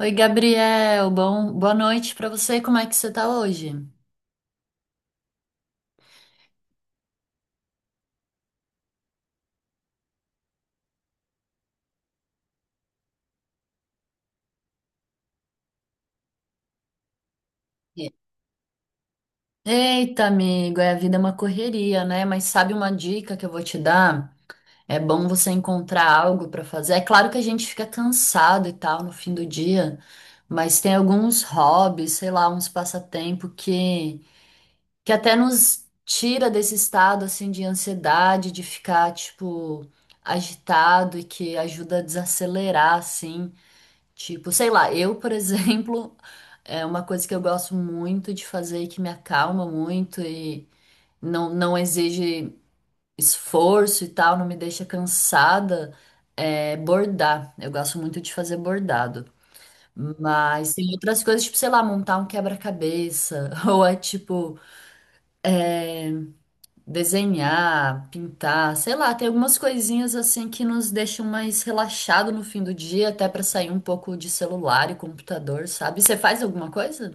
Oi, Gabriel. Bom, boa noite pra você. Como é que você tá hoje? E- Eita, amigo, é, a vida é uma correria, né? Mas sabe uma dica que eu vou te dar? É bom você encontrar algo pra fazer. É claro que a gente fica cansado e tal no fim do dia, mas tem alguns hobbies, sei lá, uns passatempo que até nos tira desse estado assim de ansiedade, de ficar tipo agitado e que ajuda a desacelerar assim. Tipo, sei lá, eu, por exemplo, é uma coisa que eu gosto muito de fazer e que me acalma muito e não exige esforço e tal, não me deixa cansada, é bordar. Eu gosto muito de fazer bordado. Mas tem outras coisas, tipo, sei lá, montar um quebra-cabeça, ou é tipo desenhar, pintar, sei lá, tem algumas coisinhas assim que nos deixam mais relaxado no fim do dia, até pra sair um pouco de celular e computador, sabe? Você faz alguma coisa?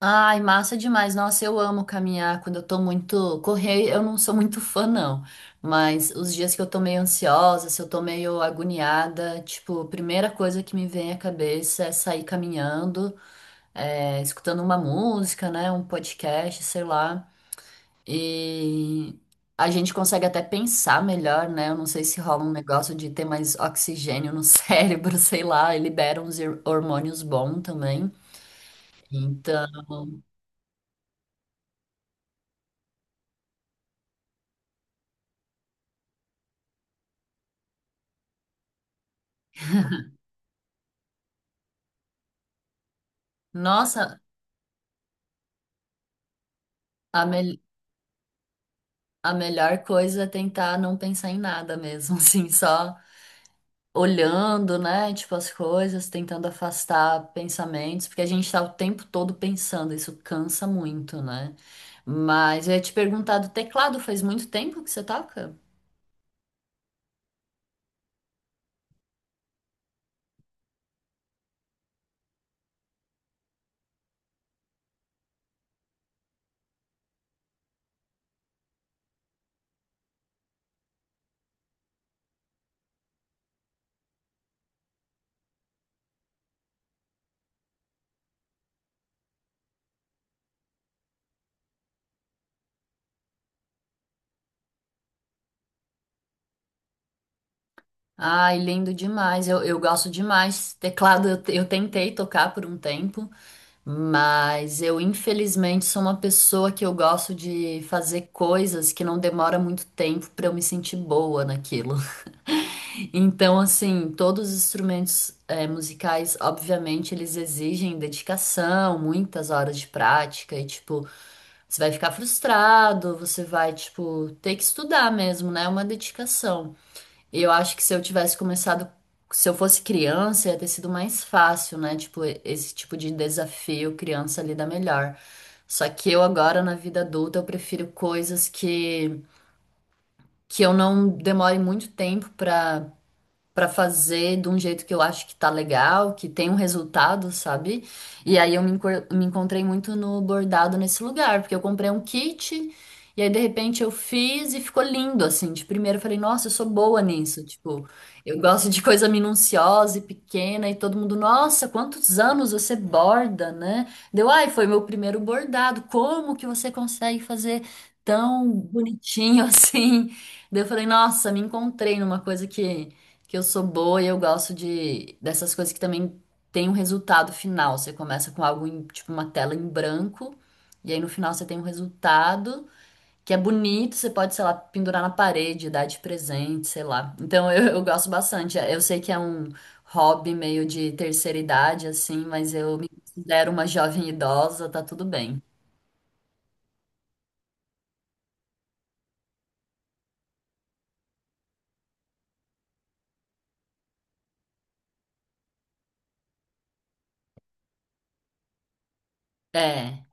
Ai, massa demais. Nossa, eu amo caminhar quando eu tô muito. Correr, eu não sou muito fã, não. Mas os dias que eu tô meio ansiosa, se eu tô meio agoniada, tipo, a primeira coisa que me vem à cabeça é sair caminhando, é, escutando uma música, né? Um podcast, sei lá. E a gente consegue até pensar melhor, né? Eu não sei se rola um negócio de ter mais oxigênio no cérebro, sei lá, e libera uns hormônios bons também. Então. Nossa, A, mel- a melhor coisa é tentar não pensar em nada mesmo, assim, só olhando, né, tipo, as coisas, tentando afastar pensamentos, porque a gente tá o tempo todo pensando, isso cansa muito, né? Mas eu ia te perguntar do teclado, faz muito tempo que você toca? Ai, lindo demais, eu gosto demais. Teclado eu tentei tocar por um tempo, mas eu, infelizmente, sou uma pessoa que eu gosto de fazer coisas que não demora muito tempo para eu me sentir boa naquilo. Então, assim, todos os instrumentos musicais, obviamente, eles exigem dedicação, muitas horas de prática e, tipo, você vai ficar frustrado, você vai, tipo, ter que estudar mesmo, né? É uma dedicação. E eu acho que se eu fosse criança, ia ter sido mais fácil, né? Tipo, esse tipo de desafio, criança lida melhor. Só que eu agora na vida adulta eu prefiro coisas que eu não demore muito tempo pra para fazer de um jeito que eu acho que tá legal, que tem um resultado, sabe? E aí me encontrei muito no bordado nesse lugar, porque eu comprei um kit e aí de repente eu fiz e ficou lindo assim. De primeiro eu falei, nossa, eu sou boa nisso, tipo, eu gosto de coisa minuciosa e pequena e todo mundo, nossa, quantos anos você borda, né? Deu, ai, foi meu primeiro bordado. Como que você consegue fazer tão bonitinho assim? Daí eu falei, nossa, me encontrei numa coisa que eu sou boa e eu gosto de dessas coisas que também tem um resultado final. Você começa com algo em, tipo uma tela em branco e aí no final você tem um resultado que é bonito, você pode, sei lá, pendurar na parede, dar de presente, sei lá. Então eu gosto bastante. Eu sei que é um hobby meio de terceira idade assim, mas eu me considero uma jovem idosa, tá tudo bem. É.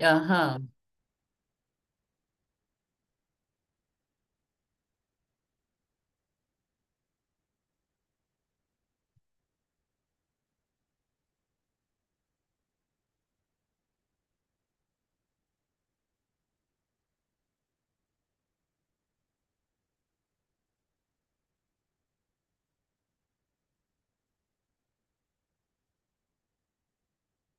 Aham.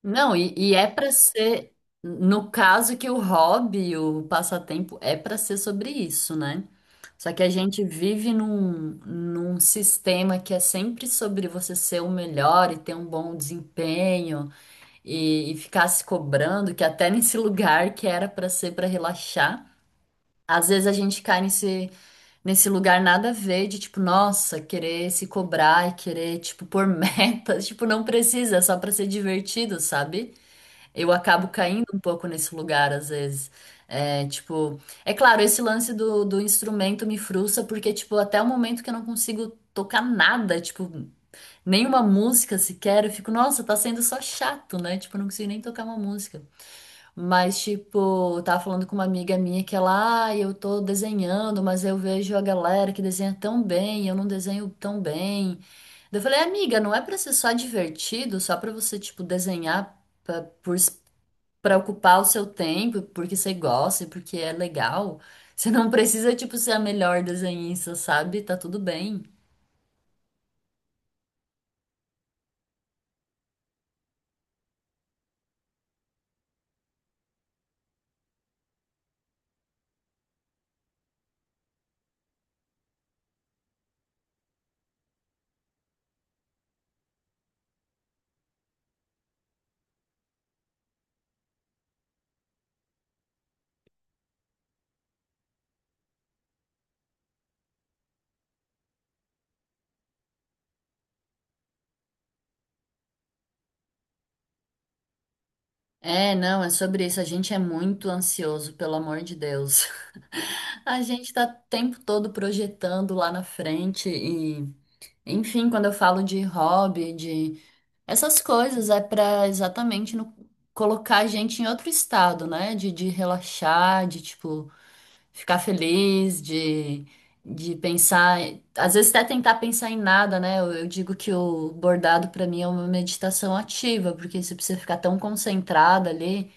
Não, e é pra ser, no caso que o hobby, o passatempo, é pra ser sobre isso, né? Só que a gente vive num sistema que é sempre sobre você ser o melhor e ter um bom desempenho e ficar se cobrando, que até nesse lugar que era pra ser pra relaxar, às vezes a gente cai nesse lugar nada a ver de tipo, nossa, querer se cobrar e querer, tipo, pôr metas, tipo, não precisa, é só pra ser divertido, sabe? Eu acabo caindo um pouco nesse lugar, às vezes. É, tipo, é claro, esse lance do instrumento me frustra, porque, tipo, até o momento que eu não consigo tocar nada, tipo, nenhuma música sequer, eu fico, nossa, tá sendo só chato, né? Tipo, eu não consigo nem tocar uma música. Mas, tipo, eu tava falando com uma amiga minha que ela, ah, eu tô desenhando, mas eu vejo a galera que desenha tão bem, eu não desenho tão bem. Daí eu falei, amiga, não é pra ser só divertido, só pra você, tipo, desenhar pra- por para ocupar o seu tempo, porque você gosta e porque é legal. Você não precisa, tipo, ser a melhor desenhista, sabe? Tá tudo bem. É, não, é sobre isso. A gente é muito ansioso, pelo amor de Deus. A gente tá o tempo todo projetando lá na frente e, enfim, quando eu falo de hobby, de essas coisas, é pra exatamente colocar a gente em outro estado, né? De relaxar, de, tipo, ficar feliz, de pensar, às vezes até tentar pensar em nada, né? Eu digo que o bordado para mim é uma meditação ativa, porque você precisa ficar tão concentrada ali,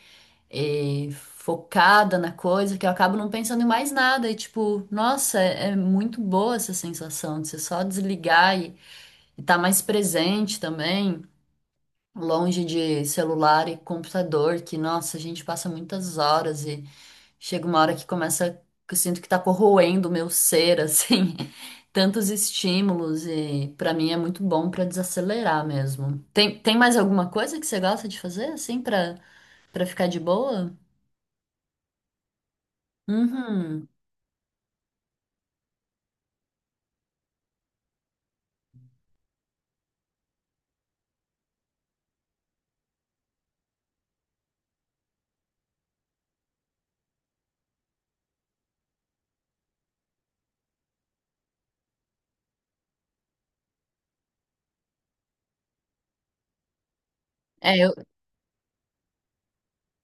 focada na coisa, que eu acabo não pensando em mais nada. E tipo, nossa, é muito boa essa sensação de você só desligar e estar mais presente também. Longe de celular e computador, que, nossa, a gente passa muitas horas. Chega uma hora que eu sinto que tá corroendo o meu ser, assim, tantos estímulos e pra mim é muito bom pra desacelerar mesmo. Tem mais alguma coisa que você gosta de fazer, assim, pra para ficar de boa? Uhum. É,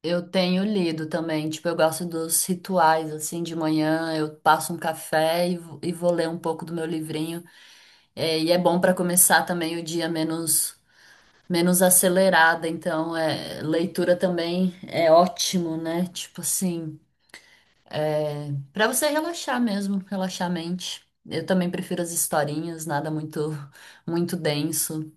eu tenho lido também, tipo, eu gosto dos rituais, assim, de manhã, eu passo um café e, vou ler um pouco do meu livrinho, é, e é bom pra começar também o dia menos acelerada, então é, leitura também é ótimo, né? Tipo assim, pra você relaxar mesmo, relaxar a mente. Eu também prefiro as historinhas, nada muito denso.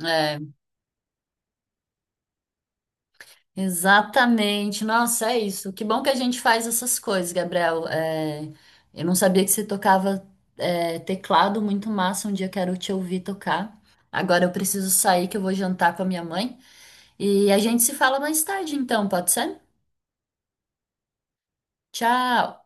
É, exatamente. Nossa, é isso. Que bom que a gente faz essas coisas, Gabriel. É, eu não sabia que você tocava teclado, muito massa. Um dia quero te ouvir tocar. Agora eu preciso sair, que eu vou jantar com a minha mãe. E a gente se fala mais tarde, então, pode ser? Tchau!